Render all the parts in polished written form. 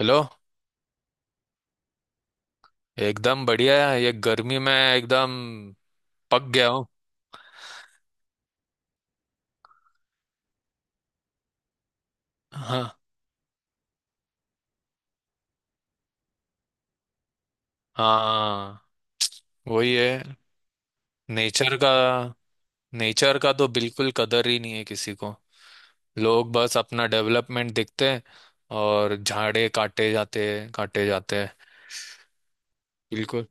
Hello. एकदम बढ़िया है। ये गर्मी में एकदम पक गया हूँ। हाँ हाँ, वही है। नेचर का, तो बिल्कुल कदर ही नहीं है किसी को। लोग बस अपना डेवलपमेंट देखते हैं और झाड़े काटे जाते हैं। बिल्कुल।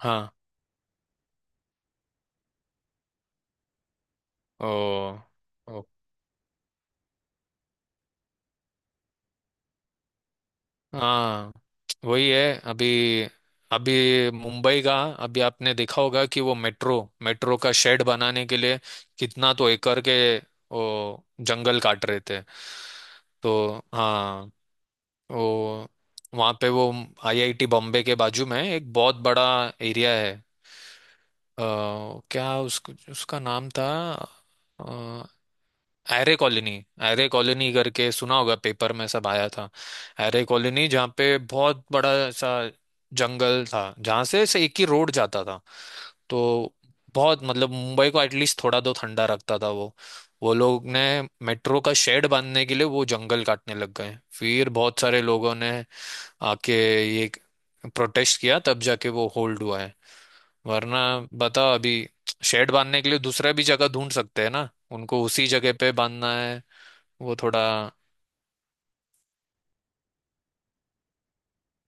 हाँ। ओ, ओ। हाँ, वही है अभी। अभी मुंबई का। अभी आपने देखा होगा कि वो मेट्रो, मेट्रो का शेड बनाने के लिए कितना तो एकड़ के वो जंगल काट रहे थे। तो हाँ। वो वहाँ पे वो आईआईटी बॉम्बे के बाजू में एक बहुत बड़ा एरिया है। अ, क्या उसको उसका नाम था, एरे कॉलोनी। एरे कॉलोनी करके सुना होगा, पेपर में सब आया था। एरे कॉलोनी जहाँ पे बहुत बड़ा सा जंगल था, जहाँ से एक ही रोड जाता था। तो बहुत मतलब मुंबई को एटलीस्ट थोड़ा तो ठंडा रखता था वो। वो लोग ने मेट्रो का शेड बांधने के लिए वो जंगल काटने लग गए। फिर बहुत सारे लोगों ने आके ये प्रोटेस्ट किया, तब जाके वो होल्ड हुआ है। वरना बता, अभी शेड बांधने के लिए दूसरा भी जगह ढूंढ सकते हैं ना, उनको उसी जगह पे बांधना है। वो थोड़ा।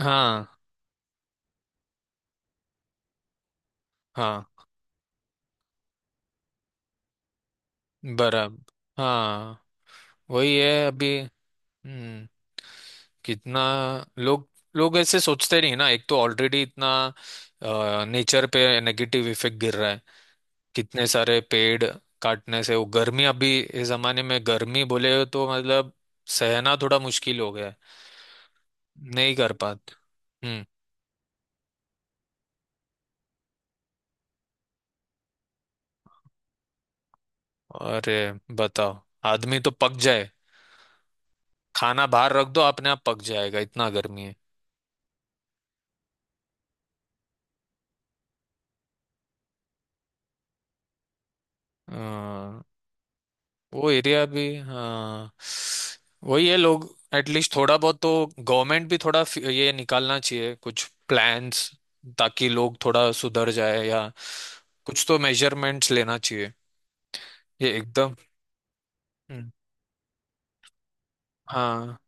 हाँ हाँ। बराबर। हाँ, वही है अभी। हम्म। कितना लोग, ऐसे सोचते नहीं ना। एक तो ऑलरेडी इतना नेचर पे नेगेटिव इफेक्ट गिर रहा है, कितने सारे पेड़ काटने से। वो गर्मी अभी इस जमाने में गर्मी बोले तो मतलब सहना थोड़ा मुश्किल हो गया है, नहीं कर पाते। हम्म। अरे बताओ, आदमी तो पक जाए। खाना बाहर रख दो अपने आप पक जाएगा, इतना गर्मी है। अ, वो एरिया भी हाँ। वही है लोग। एटलीस्ट थोड़ा बहुत तो गवर्नमेंट भी थोड़ा ये निकालना चाहिए कुछ प्लान्स, ताकि लोग थोड़ा सुधर जाए। या कुछ तो मेजरमेंट्स लेना चाहिए, ये एकदम। हम्म, हाँ।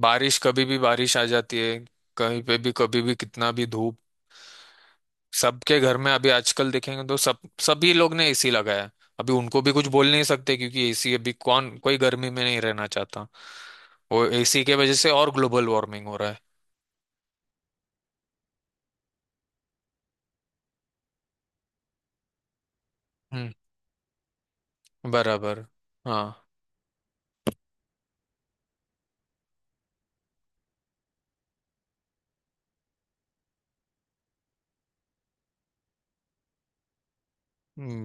बारिश, कभी भी बारिश आ जाती है। कहीं पे भी कभी भी कितना भी धूप। सबके घर में अभी आजकल देखेंगे तो सब सभी लोग ने एसी लगाया है। अभी उनको भी कुछ बोल नहीं सकते, क्योंकि एसी अभी कौन, कोई गर्मी में नहीं रहना चाहता। वो एसी के वजह से और ग्लोबल वार्मिंग हो रहा है। हम्म। बराबर। हाँ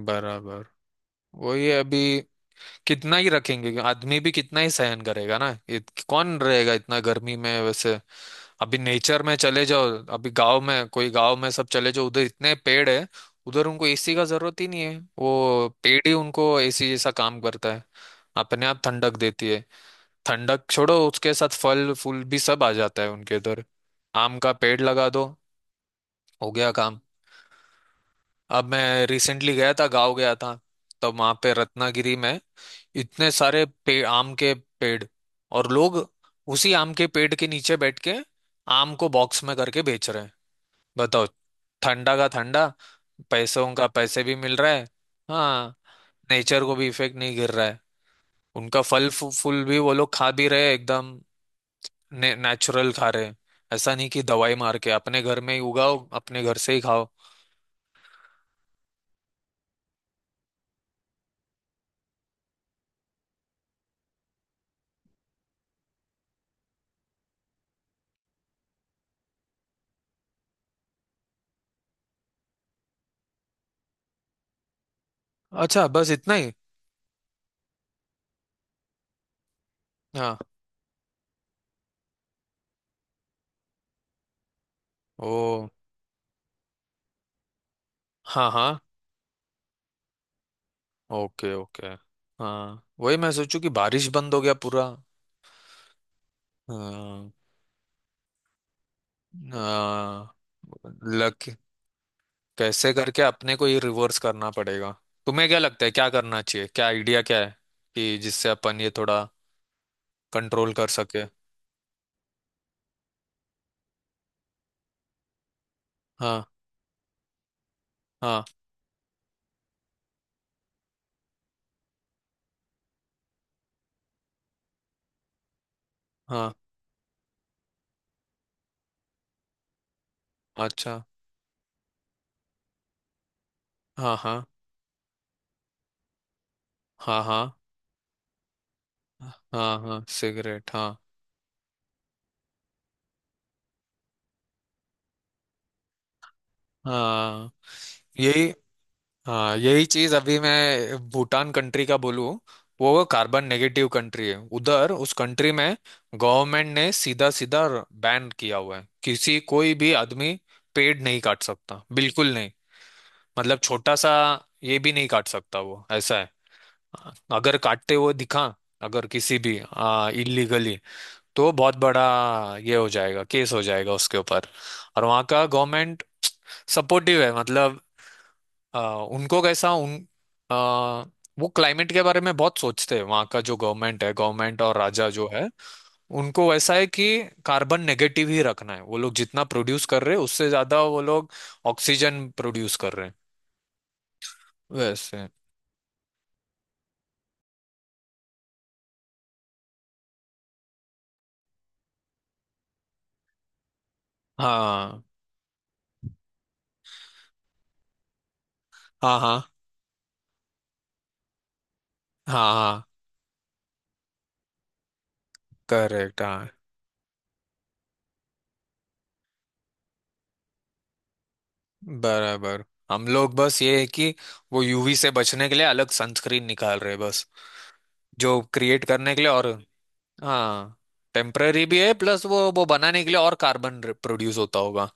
बराबर। वही है, अभी कितना ही रखेंगे, आदमी भी कितना ही सहन करेगा ना ये। कौन रहेगा इतना गर्मी में वैसे। अभी नेचर में चले जाओ, अभी गांव में कोई, गांव में सब चले जाओ उधर, इतने पेड़ है उधर, उनको एसी का जरूरत ही नहीं है। वो पेड़ ही उनको एसी जैसा काम करता है, अपने आप ठंडक देती है। ठंडक छोड़ो, उसके साथ फल फूल भी सब आ जाता है उनके इधर। आम का पेड़ लगा दो, हो गया काम। अब मैं रिसेंटली गया था, गांव गया था। तब वहां पे रत्नागिरी में इतने सारे आम के पेड़। और लोग उसी आम के पेड़ के नीचे बैठ के आम को बॉक्स में करके बेच रहे हैं। बताओ, ठंडा का ठंडा। पैसों का पैसे भी मिल रहा है। हाँ। नेचर को भी इफेक्ट नहीं गिर रहा है। उनका फल फूल भी वो लोग खा भी रहे हैं, एकदम नेचुरल खा रहे हैं। ऐसा नहीं कि दवाई मार के, अपने घर में ही उगाओ अपने घर से ही खाओ। अच्छा, बस इतना ही। हाँ। ओ। हाँ हाँ। Okay okay. हाँ, वही मैं सोचू कि बारिश बंद हो गया पूरा। हाँ, हाँ, लक। कैसे करके अपने को ये रिवर्स करना पड़ेगा। तुम्हें क्या लगता है, क्या करना चाहिए, क्या आइडिया क्या है कि जिससे अपन ये थोड़ा कंट्रोल कर सके। हाँ। हाँ। हाँ। अच्छा। हाँ हाँ। हाँ हाँ। हाँ हाँ सिगरेट हाँ। हाँ यही। हाँ, यही चीज। अभी मैं भूटान कंट्री का बोलूँ। वो कार्बन नेगेटिव कंट्री है। उधर उस कंट्री में गवर्नमेंट ने सीधा सीधा बैन किया हुआ है। किसी, कोई भी आदमी पेड़ नहीं काट सकता, बिल्कुल नहीं। मतलब छोटा सा ये भी नहीं काट सकता, वो ऐसा है। अगर काटते हुए दिखा, अगर किसी भी इलीगली, तो बहुत बड़ा ये हो जाएगा, केस हो जाएगा उसके ऊपर। और वहाँ का गवर्नमेंट सपोर्टिव है मतलब, आ, उनको कैसा उन आ, वो क्लाइमेट के बारे में बहुत सोचते हैं। वहाँ का जो गवर्नमेंट है, गवर्नमेंट और राजा जो है, उनको वैसा है कि कार्बन नेगेटिव ही रखना है। वो लोग जितना प्रोड्यूस कर रहे हैं उससे ज्यादा वो लोग ऑक्सीजन प्रोड्यूस कर रहे हैं। वैसे। हाँ। हाँ। हाँ। हाँ। हाँ। करेक्ट हाँ। बराबर। हम लोग बस ये है कि वो यूवी से बचने के लिए अलग सनस्क्रीन निकाल रहे हैं बस, जो क्रिएट करने के लिए और। हाँ, टेम्पररी भी है, प्लस वो बनाने के लिए और कार्बन प्रोड्यूस होता होगा।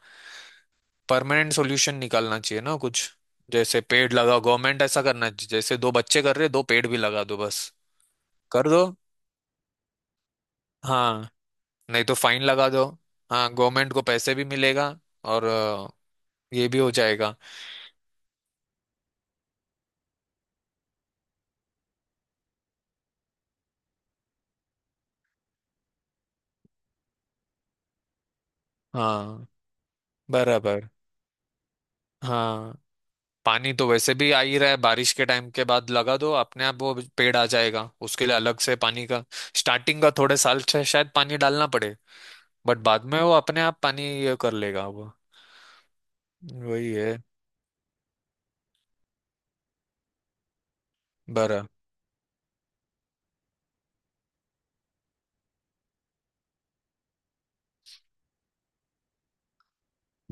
परमानेंट सॉल्यूशन निकालना चाहिए ना कुछ। जैसे पेड़ लगाओ, गवर्नमेंट ऐसा करना चाहिए जैसे दो बच्चे कर रहे हैं, दो पेड़ भी लगा दो बस। कर दो। हाँ। नहीं तो फाइन लगा दो। हाँ, गवर्नमेंट को पैसे भी मिलेगा। और ये भी हो जाएगा। हाँ। बराबर। हाँ। पानी तो वैसे भी आ ही रहा है, बारिश के टाइम के बाद लगा दो अपने आप वो पेड़ आ जाएगा। उसके लिए अलग से पानी का स्टार्टिंग का थोड़े साल से शायद पानी डालना पड़े। बट बाद में वो अपने आप पानी ये कर लेगा वो। वही है। बरा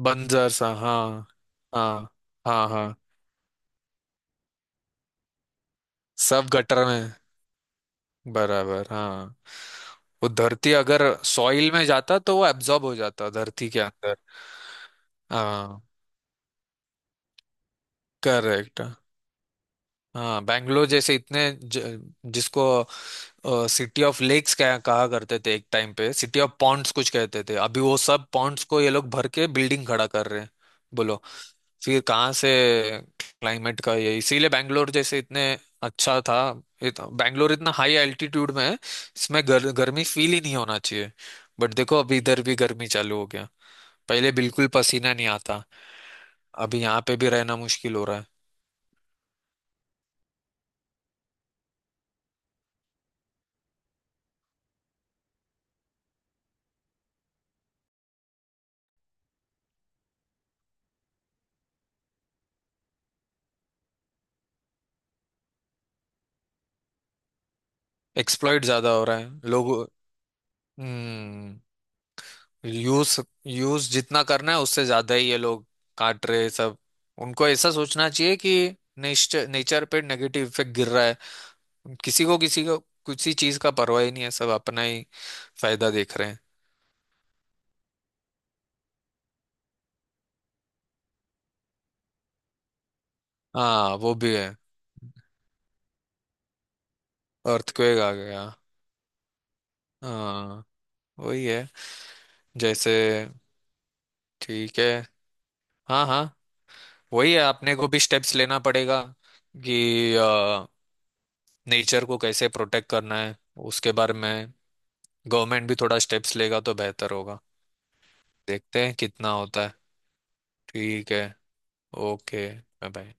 बंजर सा हाँ। हाँ हाँ। हाँ, सब गटर में। बराबर हाँ। वो धरती, अगर सॉइल में जाता तो वो एब्जॉर्ब हो जाता धरती के अंदर। हाँ। करेक्ट। हाँ बैंगलोर जैसे इतने जिसको सिटी ऑफ लेक्स कहा कहा करते थे एक टाइम पे, सिटी ऑफ पॉन्ड्स कुछ कहते थे, अभी वो सब पॉन्ड्स को ये लोग भर के बिल्डिंग खड़ा कर रहे हैं। बोलो, फिर कहाँ से क्लाइमेट का ये। इसीलिए बैंगलोर जैसे इतने अच्छा था। बैंगलोर इतना हाई एल्टीट्यूड में है, इसमें गर्मी फील ही नहीं होना चाहिए। बट देखो अभी इधर भी गर्मी चालू हो गया। पहले बिल्कुल पसीना नहीं आता। अभी यहाँ पे भी रहना मुश्किल हो रहा है। एक्सप्लॉइट ज्यादा हो रहा है लोग। हम्म। यूज, यूज जितना करना है उससे ज्यादा ही ये लोग काट रहे हैं सब। उनको ऐसा सोचना चाहिए कि नेचर पे नेगेटिव इफेक्ट गिर रहा है। किसी को, किसी चीज का परवाह ही नहीं है, सब अपना ही फायदा देख रहे हैं। हाँ वो भी है। अर्थक्वेक आ गया। हाँ, वही है। जैसे। ठीक है। हाँ हाँ। वही है, अपने को भी स्टेप्स लेना पड़ेगा कि नेचर को कैसे प्रोटेक्ट करना है उसके बारे में। गवर्नमेंट भी थोड़ा स्टेप्स लेगा तो बेहतर होगा। देखते हैं कितना होता है। ठीक है। Okay bye. बाय